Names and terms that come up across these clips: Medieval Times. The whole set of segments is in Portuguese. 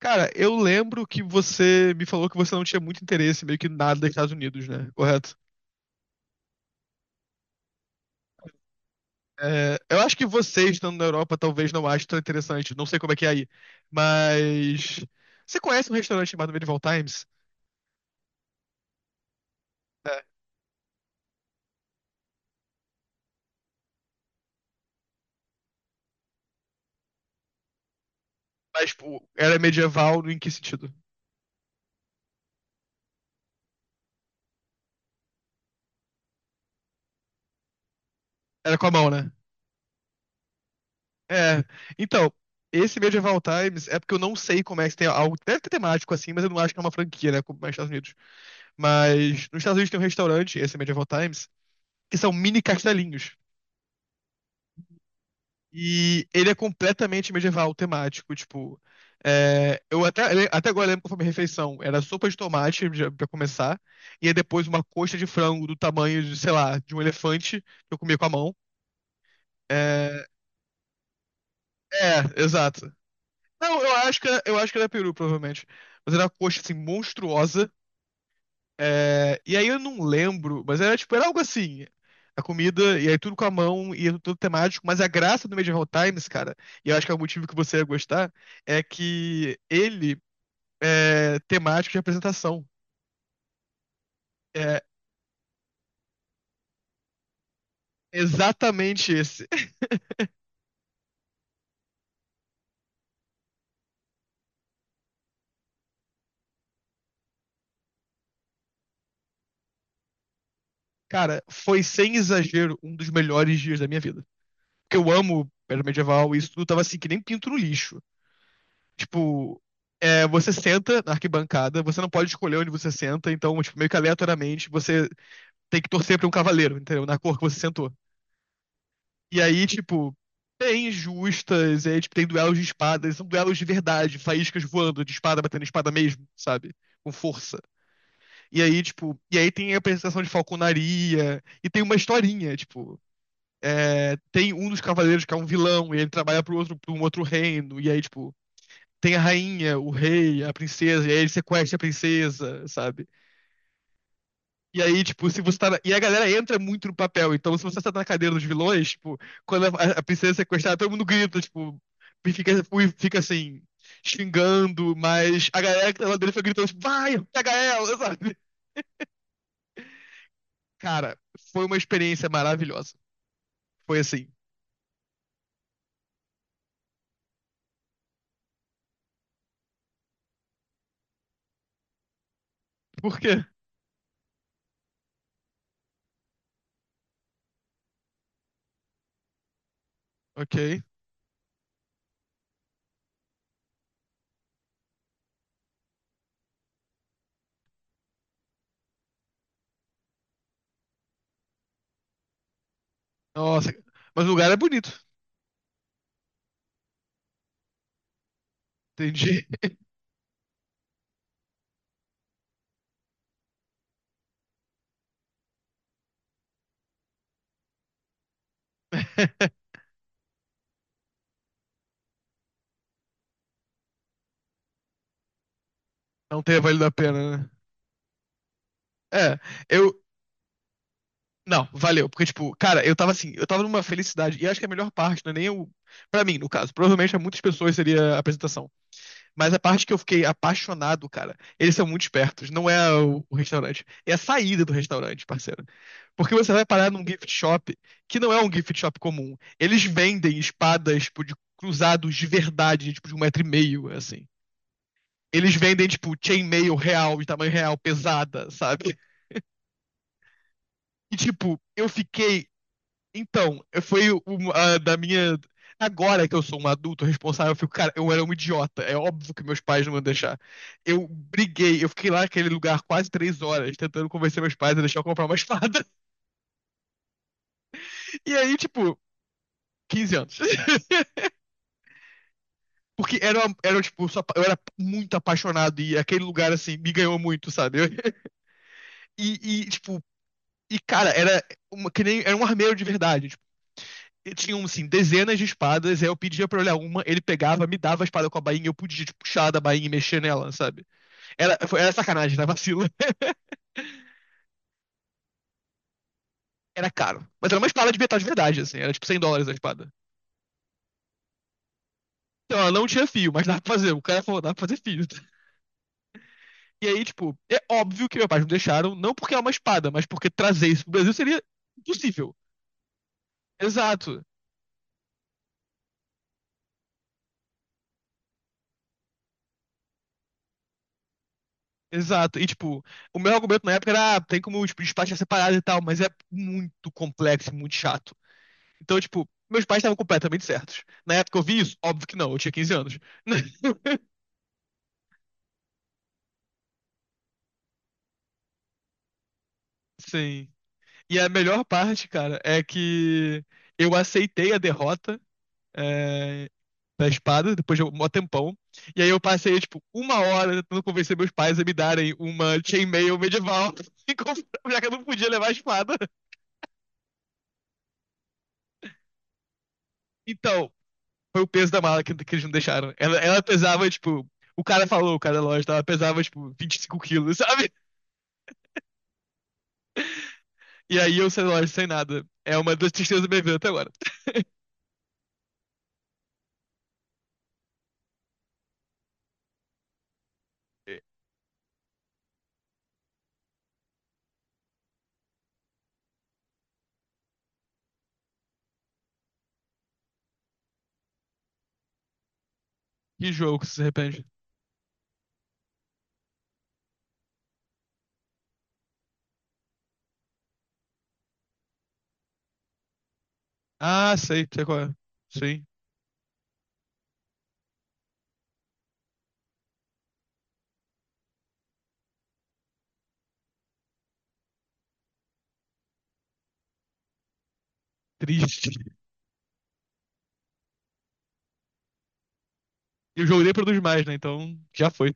Cara, eu lembro que você me falou que você não tinha muito interesse, meio que nada dos Estados Unidos, né? Correto? É, eu acho que você estando na Europa talvez não ache tão interessante, não sei como é que é aí. Mas você conhece um restaurante chamado Medieval Times? É, mas pô, era medieval em que sentido? Era com a mão, né? É. Então, esse Medieval Times é porque eu não sei como é que tem algo. Deve ter temático assim, mas eu não acho que é uma franquia, né? Como é nos Estados Unidos. Mas nos Estados Unidos tem um restaurante, esse Medieval Times, que são mini castelinhos. E ele é completamente medieval temático, tipo. Eu até agora lembro qual foi a minha refeição. Era sopa de tomate pra começar, e aí depois uma coxa de frango do tamanho de, sei lá, de um elefante que eu comia com a mão. É, é, exato. Não, eu acho que era peru, provavelmente. Mas era uma coxa assim monstruosa. E aí eu não lembro, mas era tipo, era algo assim. A comida, e aí tudo com a mão, e é tudo temático, mas a graça do Medieval Times, cara, e eu acho que é o motivo que você ia gostar, é que ele é temático de apresentação. É exatamente esse. Cara, foi sem exagero um dos melhores dias da minha vida. Porque eu amo era medieval e isso tudo tava assim, que nem pinto no lixo. Tipo, é, você senta na arquibancada, você não pode escolher onde você senta, então, tipo, meio que aleatoriamente, você tem que torcer pra um cavaleiro, entendeu? Na cor que você sentou. E aí, tipo, tem justas, e aí, tipo, tem duelos de espadas, são duelos de verdade, faíscas voando, de espada batendo espada mesmo, sabe? Com força. E aí, tipo, e aí tem a apresentação de falconaria, e tem uma historinha, tipo. É, tem um dos cavaleiros que é um vilão, e ele trabalha pro outro, pra um outro reino, e aí, tipo, tem a rainha, o rei, a princesa, e aí ele sequestra a princesa, sabe? E aí, tipo, se você tá. E a galera entra muito no papel. Então, se você tá na cadeira dos vilões, tipo, quando a princesa é sequestrada, todo mundo grita, tipo, e fica assim, xingando, mas a galera que tá lá dentro foi gritando, tipo, vai, pega ela, sabe? Cara, foi uma experiência maravilhosa. Foi assim. Por quê? Ok. Nossa. Mas o lugar é bonito. Entendi. Não ter valido a pena, né? É, eu, Não, valeu, porque, tipo, cara, eu tava assim, eu tava numa felicidade, e acho que a melhor parte, não é nem o. Pra mim, no caso, provavelmente pra muitas pessoas seria a apresentação. Mas a parte que eu fiquei apaixonado, cara, eles são muito espertos, não é o restaurante, é a saída do restaurante, parceiro. Porque você vai parar num gift shop, que não é um gift shop comum. Eles vendem espadas, tipo, de cruzados de verdade, tipo, de 1,5 m, assim. Eles vendem, tipo, chainmail real, de tamanho real, pesada, sabe? E, tipo, eu fiquei. Então, foi uma da minha. Agora que eu sou um adulto responsável, eu fico, cara, eu era um idiota. É óbvio que meus pais não iam deixar. Eu briguei, eu fiquei lá naquele lugar quase 3 horas, tentando convencer meus pais a deixar eu comprar uma espada. E aí, tipo, 15 anos. Porque era, era tipo, só, eu era muito apaixonado e aquele lugar, assim, me ganhou muito, sabe? E, e, tipo, cara, era, uma, que nem, era um armeiro de verdade. E tinham, assim, dezenas de espadas, aí eu pedia pra olhar uma, ele pegava, me dava a espada com a bainha, eu podia, tipo, puxar da bainha e mexer nela, sabe? Era sacanagem, né? Vacilo. Era caro. Mas era uma espada de metal de verdade, assim, era tipo US$ 100 a espada. Então, ela não tinha fio, mas dá pra fazer. O cara falou, dá pra fazer fio. E aí, tipo, é óbvio que meus pais me deixaram, não porque é uma espada, mas porque trazer isso pro Brasil seria impossível. Exato. Exato. E, tipo, o meu argumento na época era, ah, tem como, tipo, despachar separado e tal, mas é muito complexo e muito chato. Então, tipo, meus pais estavam completamente certos. Na época eu vi isso? Óbvio que não, eu tinha 15 anos. Sim. E a melhor parte, cara, é que eu aceitei a derrota é, da espada depois de um mó tempão. E aí eu passei, tipo, uma hora tentando convencer meus pais a me darem uma chainmail medieval, e já que eu não podia levar a espada. Então, foi o peso da mala que eles não deixaram. Ela pesava, tipo, o cara falou, o cara da loja, ela pesava, tipo, 25 quilos, sabe? E aí eu sei lá, sem nada. É uma das tristezas da minha vida até agora. Que jogo que você se arrepende? Ah, sei, sei qual é. Sim, triste. E o jogo nem produz mais, né? Então já foi.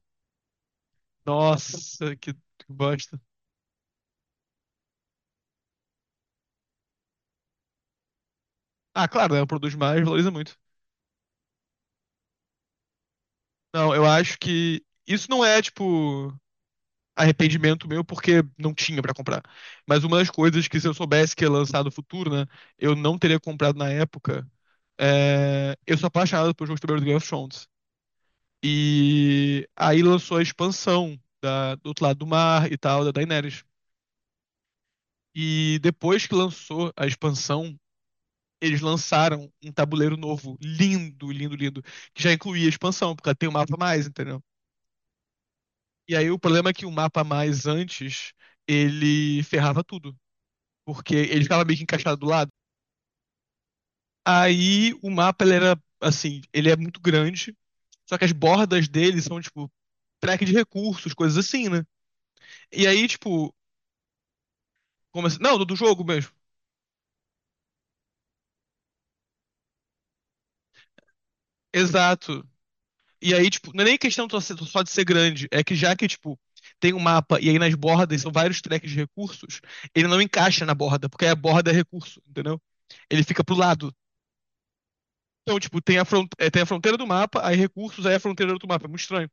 Nossa, que bosta. Ah, claro, né? Produz mais, valoriza muito. Não, eu acho que isso não é, tipo, arrependimento meu porque não tinha pra comprar. Mas uma das coisas que se eu soubesse que ia lançar no futuro, né? Eu não teria comprado na época. É... Eu sou apaixonado por jogos de tabuleiro do Game of Thrones. E aí lançou a expansão da, do outro lado do mar e tal, da Daenerys. E depois que lançou a expansão, eles lançaram um tabuleiro novo, lindo, lindo, lindo, que já incluía a expansão, porque ela tem um mapa a mais, entendeu? E aí o problema é que o mapa a mais antes, ele ferrava tudo, porque ele ficava meio que encaixado do lado. Aí o mapa, ele era, assim, ele é muito grande, só que as bordas dele são, tipo, track de recursos, coisas assim, né? E aí, tipo, como assim? Não, do jogo mesmo. Exato. E aí, tipo, não é nem questão só ser- só de ser grande, é que já que, tipo, tem um mapa e aí nas bordas são vários tracks de recursos, ele não encaixa na borda, porque a borda é recurso, entendeu? Ele fica pro lado. Então, tipo, tem a, tem a fronteira do mapa, aí recursos, aí a fronteira do outro mapa. É muito estranho.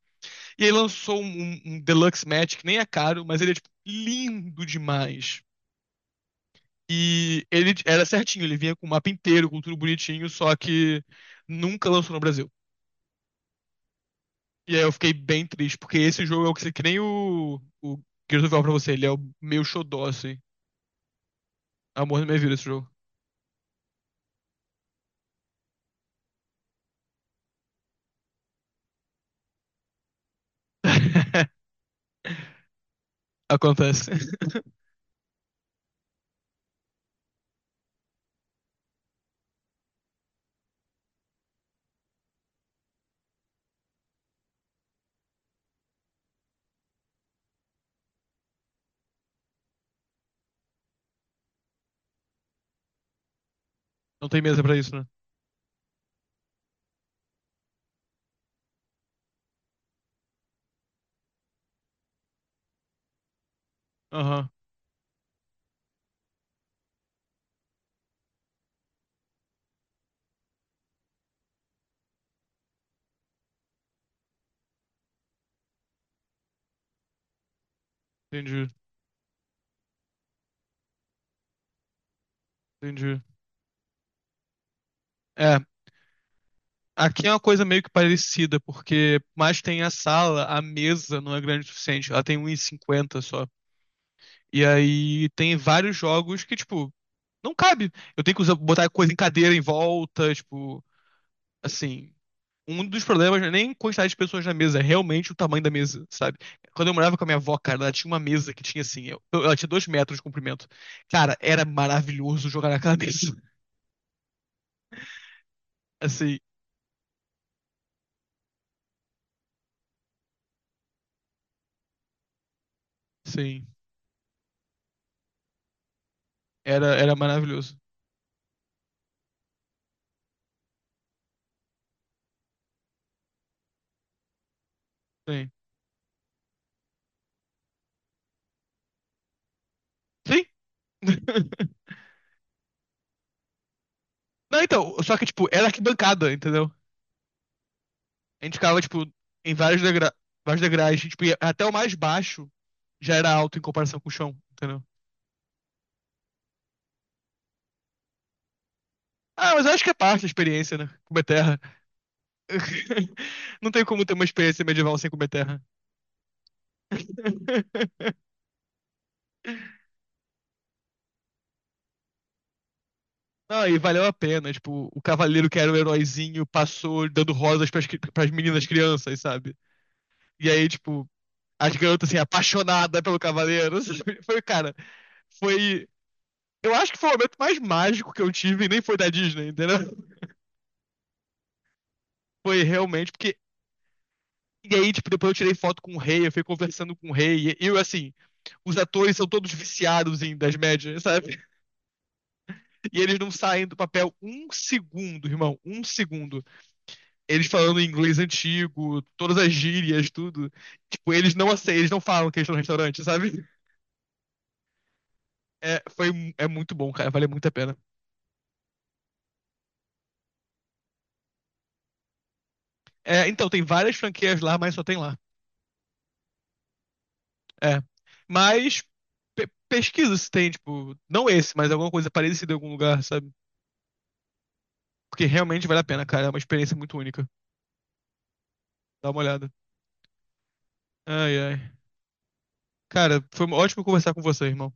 E aí lançou um Deluxe Match, que nem é caro, mas ele é, tipo, lindo demais. E ele era certinho, ele vinha com o mapa inteiro, com tudo bonitinho, só que nunca lançou no Brasil. E aí eu fiquei bem triste, porque esse jogo é o que, que nem o Gears of War pra você, ele é o meu xodó, assim. Amor da minha vida esse jogo. Acontece. Não tem mesa pra isso, né? Aham, entendi, entendi. É, aqui é uma coisa meio que parecida, porque mais tem a sala, a mesa não é grande o suficiente, ela tem 1,50 só. E aí tem vários jogos que, tipo, não cabe. Eu tenho que usar, botar coisa em cadeira em volta, tipo, assim, um dos problemas não é nem quantidade de pessoas na mesa, é realmente o tamanho da mesa, sabe? Quando eu morava com a minha avó, cara, ela tinha uma mesa que tinha assim, ela tinha 2 metros de comprimento. Cara, era maravilhoso jogar naquela mesa. Assim, sim. Era, era maravilhoso. Sim. Sim. Não, então, só que, tipo, era arquibancada, entendeu? A gente ficava, tipo, em vários vários degraus, tipo, até o mais baixo já era alto em comparação com o chão, entendeu? Ah, mas eu acho que é parte da experiência, né? Como é terra. Não tem como ter uma experiência medieval sem comer terra. Não, e valeu a pena. Tipo, o cavaleiro que era o heróizinho passou dando rosas pras, pras meninas crianças, sabe? E aí, tipo, as garotas, assim, apaixonadas pelo cavaleiro. Sabe? Foi, cara, foi. Eu acho que foi o momento mais mágico que eu tive, e nem foi da Disney, entendeu? Foi realmente, porque. E aí, tipo, depois eu tirei foto com o rei, eu fui conversando com o rei, e eu, assim, os atores são todos viciados em das médias, sabe? E eles não saem do papel um segundo, irmão, um segundo. Eles falando inglês antigo, todas as gírias, tudo. Tipo, eles não aceitam, eles não falam que eles estão no restaurante, sabe? É, foi, É muito bom, cara, vale muito a pena. É, então, tem várias franquias lá, mas só tem lá. É. Mas pesquisa se tem, tipo, não esse, mas alguma coisa parecida em algum lugar, sabe? Porque realmente vale a pena, cara, é uma experiência muito única. Dá uma olhada. Ai, ai. Cara, foi ótimo conversar com você, irmão.